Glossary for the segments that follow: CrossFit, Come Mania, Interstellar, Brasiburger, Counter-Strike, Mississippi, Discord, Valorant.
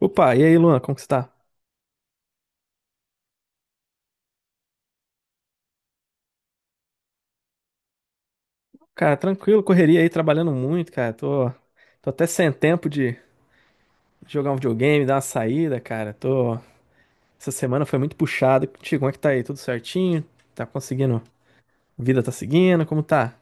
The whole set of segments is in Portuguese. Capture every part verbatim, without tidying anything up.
Opa, e aí, Luan, como que você tá? Cara, tranquilo, correria aí, trabalhando muito, cara. Tô, tô até sem tempo de jogar um videogame, dar uma saída, cara. Tô, essa semana foi muito puxado. Contigo, como é que tá aí? Tudo certinho? Tá conseguindo? Vida tá seguindo? Como tá?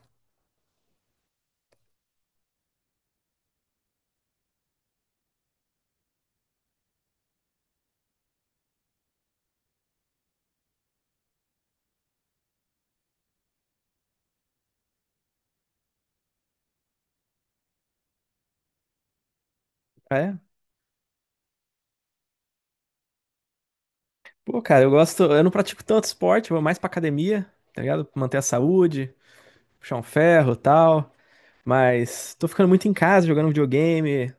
Ah, é? Pô, cara, eu gosto, eu não pratico tanto esporte, eu vou mais pra academia, tá ligado? Manter a saúde, puxar um ferro e tal. Mas tô ficando muito em casa, jogando videogame,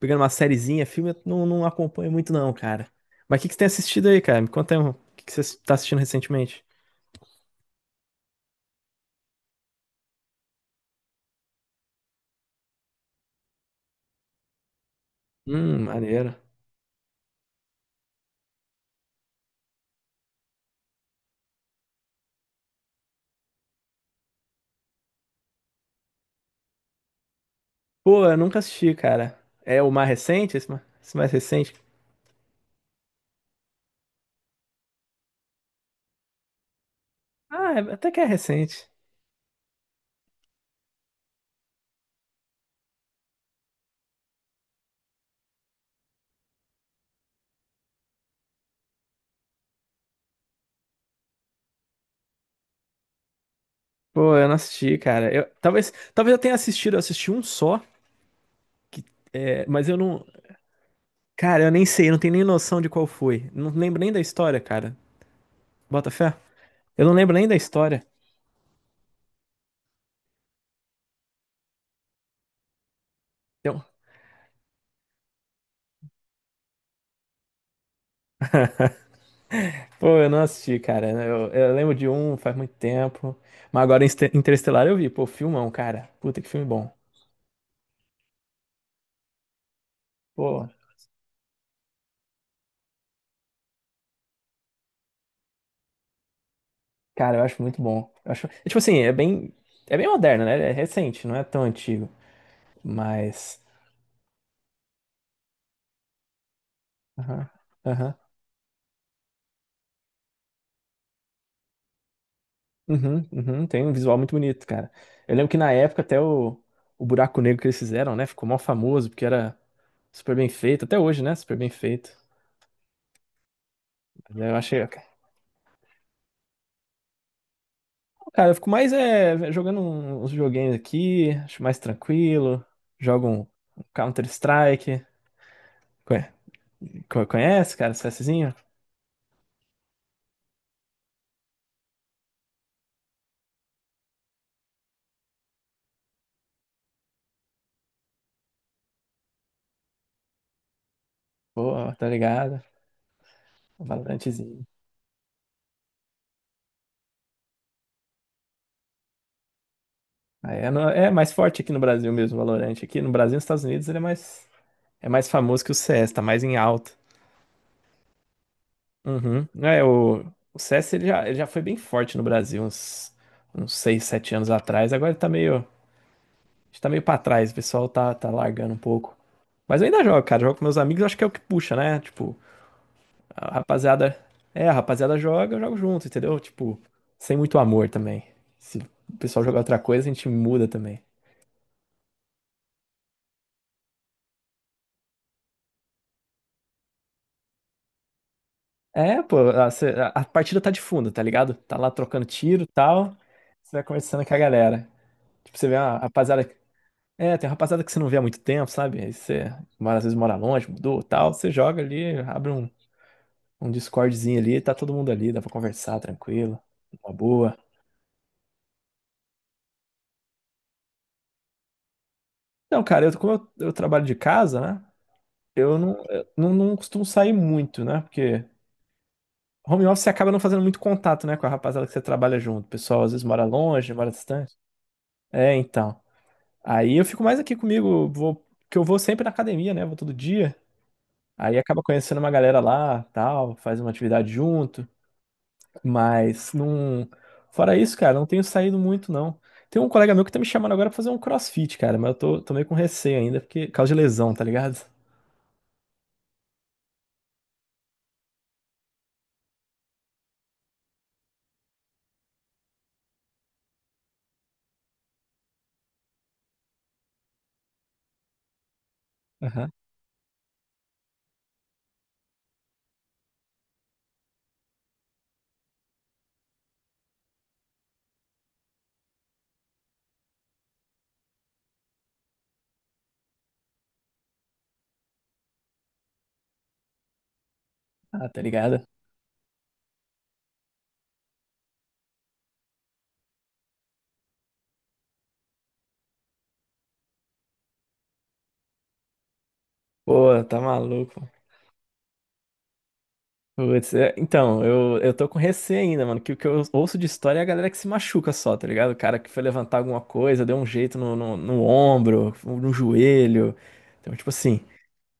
pegando uma sériezinha, filme, eu não, não acompanho muito não, cara. Mas o que que você tem assistido aí, cara? Me conta aí, um, o que que você tá assistindo recentemente? Hum, maneiro. Pô, eu nunca assisti, cara. É o mais recente? Esse ma- esse mais recente? Ah, é- até que é recente. Pô, eu não assisti, cara. Eu, talvez, talvez eu tenha assistido, eu assisti um só, que, é, mas eu não. Cara, eu nem sei, eu não tenho nem noção de qual foi. Não lembro nem da história, cara. Bota fé? Eu não lembro nem da história. Pô, eu não assisti, cara. Eu, eu lembro de um faz muito tempo. Mas agora Inste- Interestelar eu vi. Pô, filmão, cara. Puta que filme bom. Pô, cara, eu acho muito bom. Eu acho, é, tipo assim, é bem. É bem moderno, né? É recente, não é tão antigo. Mas. Aham. Aham. Uhum, uhum. Tem um visual muito bonito, cara. Eu lembro que na época até o, o buraco negro que eles fizeram, né? Ficou mó famoso, porque era super bem feito. Até hoje, né? Super bem feito. Mas eu achei. Cara, eu fico mais é jogando um- uns joguinhos aqui, acho mais tranquilo. Jogo um um Counter-Strike. Conhe- co- Conhece, cara, CSzinho? Pô, tá ligado? Um Valorantezinho. Aí é, no- é mais forte aqui no Brasil mesmo, Valorante. Aqui no Brasil e nos Estados Unidos ele é mais, é mais famoso que o C S, tá mais em alta. Uhum. É, o, o C S ele já, ele já foi bem forte no Brasil, uns, uns seis sete anos atrás. Agora ele tá meio. A gente tá meio pra trás, o pessoal tá, tá largando um pouco. Mas eu ainda jogo, cara. Jogo com meus amigos, acho que é o que puxa, né? Tipo, a rapaziada. É, a rapaziada joga, eu jogo junto, entendeu? Tipo, sem muito amor também. Se o pessoal jogar outra coisa, a gente muda também. É, pô, a, cê- a- a partida tá de fundo, tá ligado? Tá lá trocando tiro e tal. Você vai conversando com a galera. Tipo, você vê uma rapaziada. É, tem uma rapaziada que você não vê há muito tempo, sabe? Aí você, mora- às vezes mora longe, mudou e tal. Você joga ali, abre um, um Discordzinho ali, tá todo mundo ali, dá pra conversar tranquilo, uma boa. Então, cara, eu, como eu, eu trabalho de casa, né? Eu não, eu não, não costumo sair muito, né? Porque home office você acaba não fazendo muito contato, né, com a rapaziada que você trabalha junto. O pessoal às vezes mora longe, mora distante. É, então. Aí eu fico mais aqui comigo, vou, que eu vou sempre na academia, né? Vou todo dia. Aí acaba conhecendo uma galera lá, tal, faz uma atividade junto. Mas não. Fora isso, cara, não tenho saído muito, não. Tem um colega meu que tá me chamando agora pra fazer um CrossFit, cara, mas eu tô, tô meio com receio ainda, porque por causa de lesão, tá ligado? Aham. Ah, tá ligado? Pô, tá maluco. Putz, é, então, eu, eu tô com receio ainda, mano. Que o que eu ouço de história é a galera que se machuca só, tá ligado? O cara que foi levantar alguma coisa, deu um jeito no, no, no ombro, no joelho. Então, tipo assim.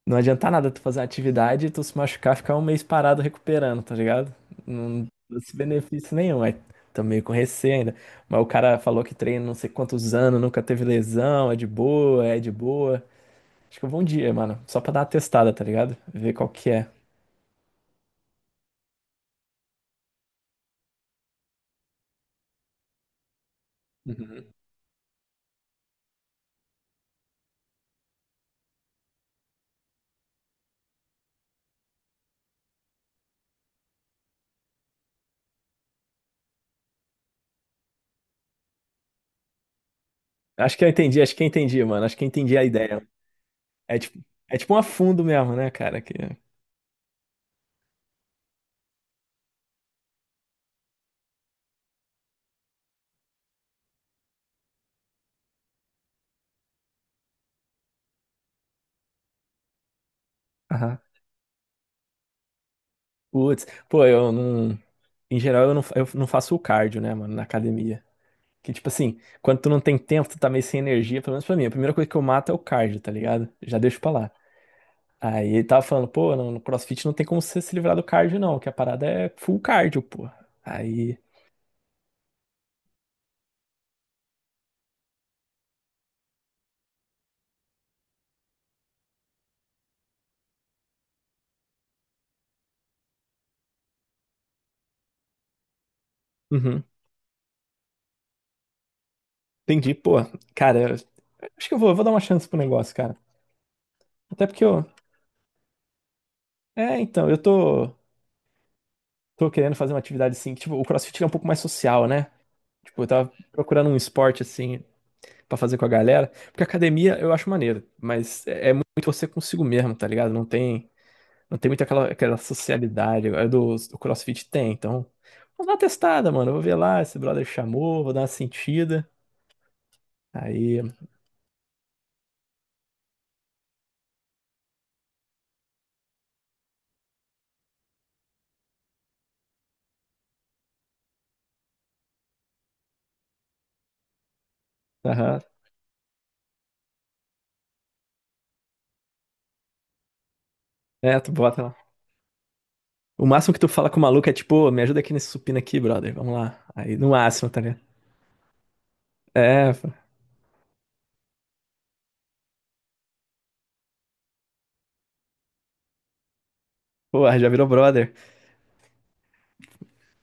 Não adianta nada tu fazer uma atividade e tu se machucar, ficar um mês parado recuperando, tá ligado? Não trouxe benefício nenhum. Aí tô meio com receio ainda. Mas o cara falou que treina não sei quantos anos, nunca teve lesão, é de boa, é de boa. Acho que eu vou um dia, mano, só pra dar uma testada, tá ligado? Ver qual que é. Uhum. Acho que eu entendi, acho que eu entendi, mano. Acho que eu entendi a ideia. É tipo, é tipo um afundo mesmo, né, cara? Que. Aham. Putz, pô, eu não. Em geral, eu não, eu não faço o cardio, né, mano, na academia. Que, tipo assim, quando tu não tem tempo, tu tá meio sem energia, pelo menos pra mim. A primeira coisa que eu mato é o cardio, tá ligado? Já deixo pra lá. Aí ele tava falando, pô, no, no CrossFit não tem como você se livrar do cardio, não, que a parada é full cardio, pô. Aí. Uhum. Entendi, pô. Cara, eu acho que eu vou, eu vou dar uma chance pro negócio, cara. Até porque eu. É, então, eu tô, tô querendo fazer uma atividade assim, que, tipo, o CrossFit é um pouco mais social, né? Tipo, eu tava procurando um esporte assim pra fazer com a galera. Porque academia eu acho maneiro, mas é é muito você consigo mesmo, tá ligado? Não tem. Não tem muito aquela, aquela socialidade. Agora do, do CrossFit tem, então. Vamos dar uma testada, mano. Eu vou ver lá, esse brother chamou, vou dar uma sentida. Aí, aham. É, tu bota lá. O máximo que tu fala com o maluco é tipo: "Ô, me ajuda aqui nesse supino aqui, brother. Vamos lá." Aí, no máximo, tá ligado? É, pô. Porra, já virou brother.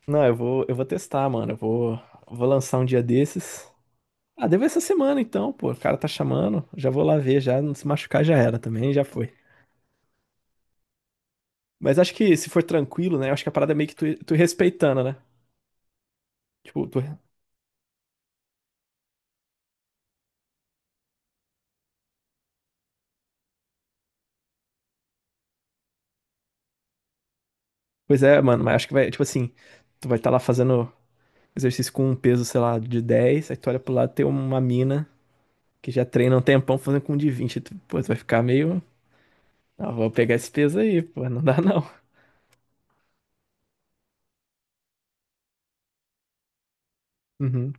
Não, eu vou, eu vou testar, mano. Eu vou, vou lançar um dia desses. Ah, deve essa semana então, pô. O cara tá chamando. Já vou lá ver, já. Não se machucar já era também, já foi. Mas acho que se for tranquilo, né? Acho que a parada é meio que tu, tu ir respeitando, né? Tipo, tu. Pois é, mano, mas acho que vai, tipo assim, tu vai estar lá fazendo exercício com um peso, sei lá, de dez. Aí tu olha pro lado, tem uma mina que já treina um tempão fazendo com um de vinte. Tu, pô, tu vai ficar meio. Ah, vou pegar esse peso aí, pô, não dá não. Uhum.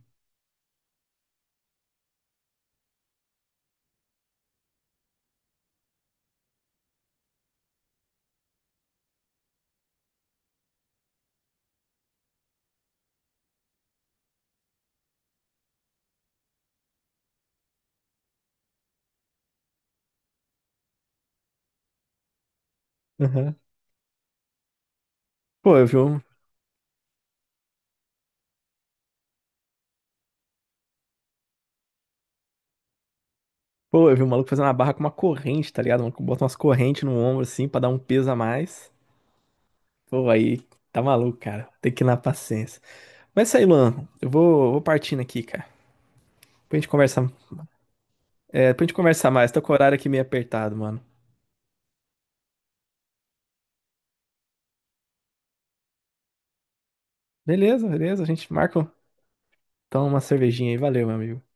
Uhum. Pô, eu vi um. Pô, eu vi um maluco fazendo uma barra com uma corrente, tá ligado? O maluco bota umas correntes no ombro, assim, pra dar um peso a mais. Pô, aí tá maluco, cara. Tem que ir na paciência. Mas é isso aí, Luan. Eu vou, vou partindo aqui, cara. Depois a gente conversa, é, depois a gente conversar mais. Tô com o horário aqui meio apertado, mano. Beleza, beleza. A gente marca então uma cervejinha aí. Valeu, meu amigo.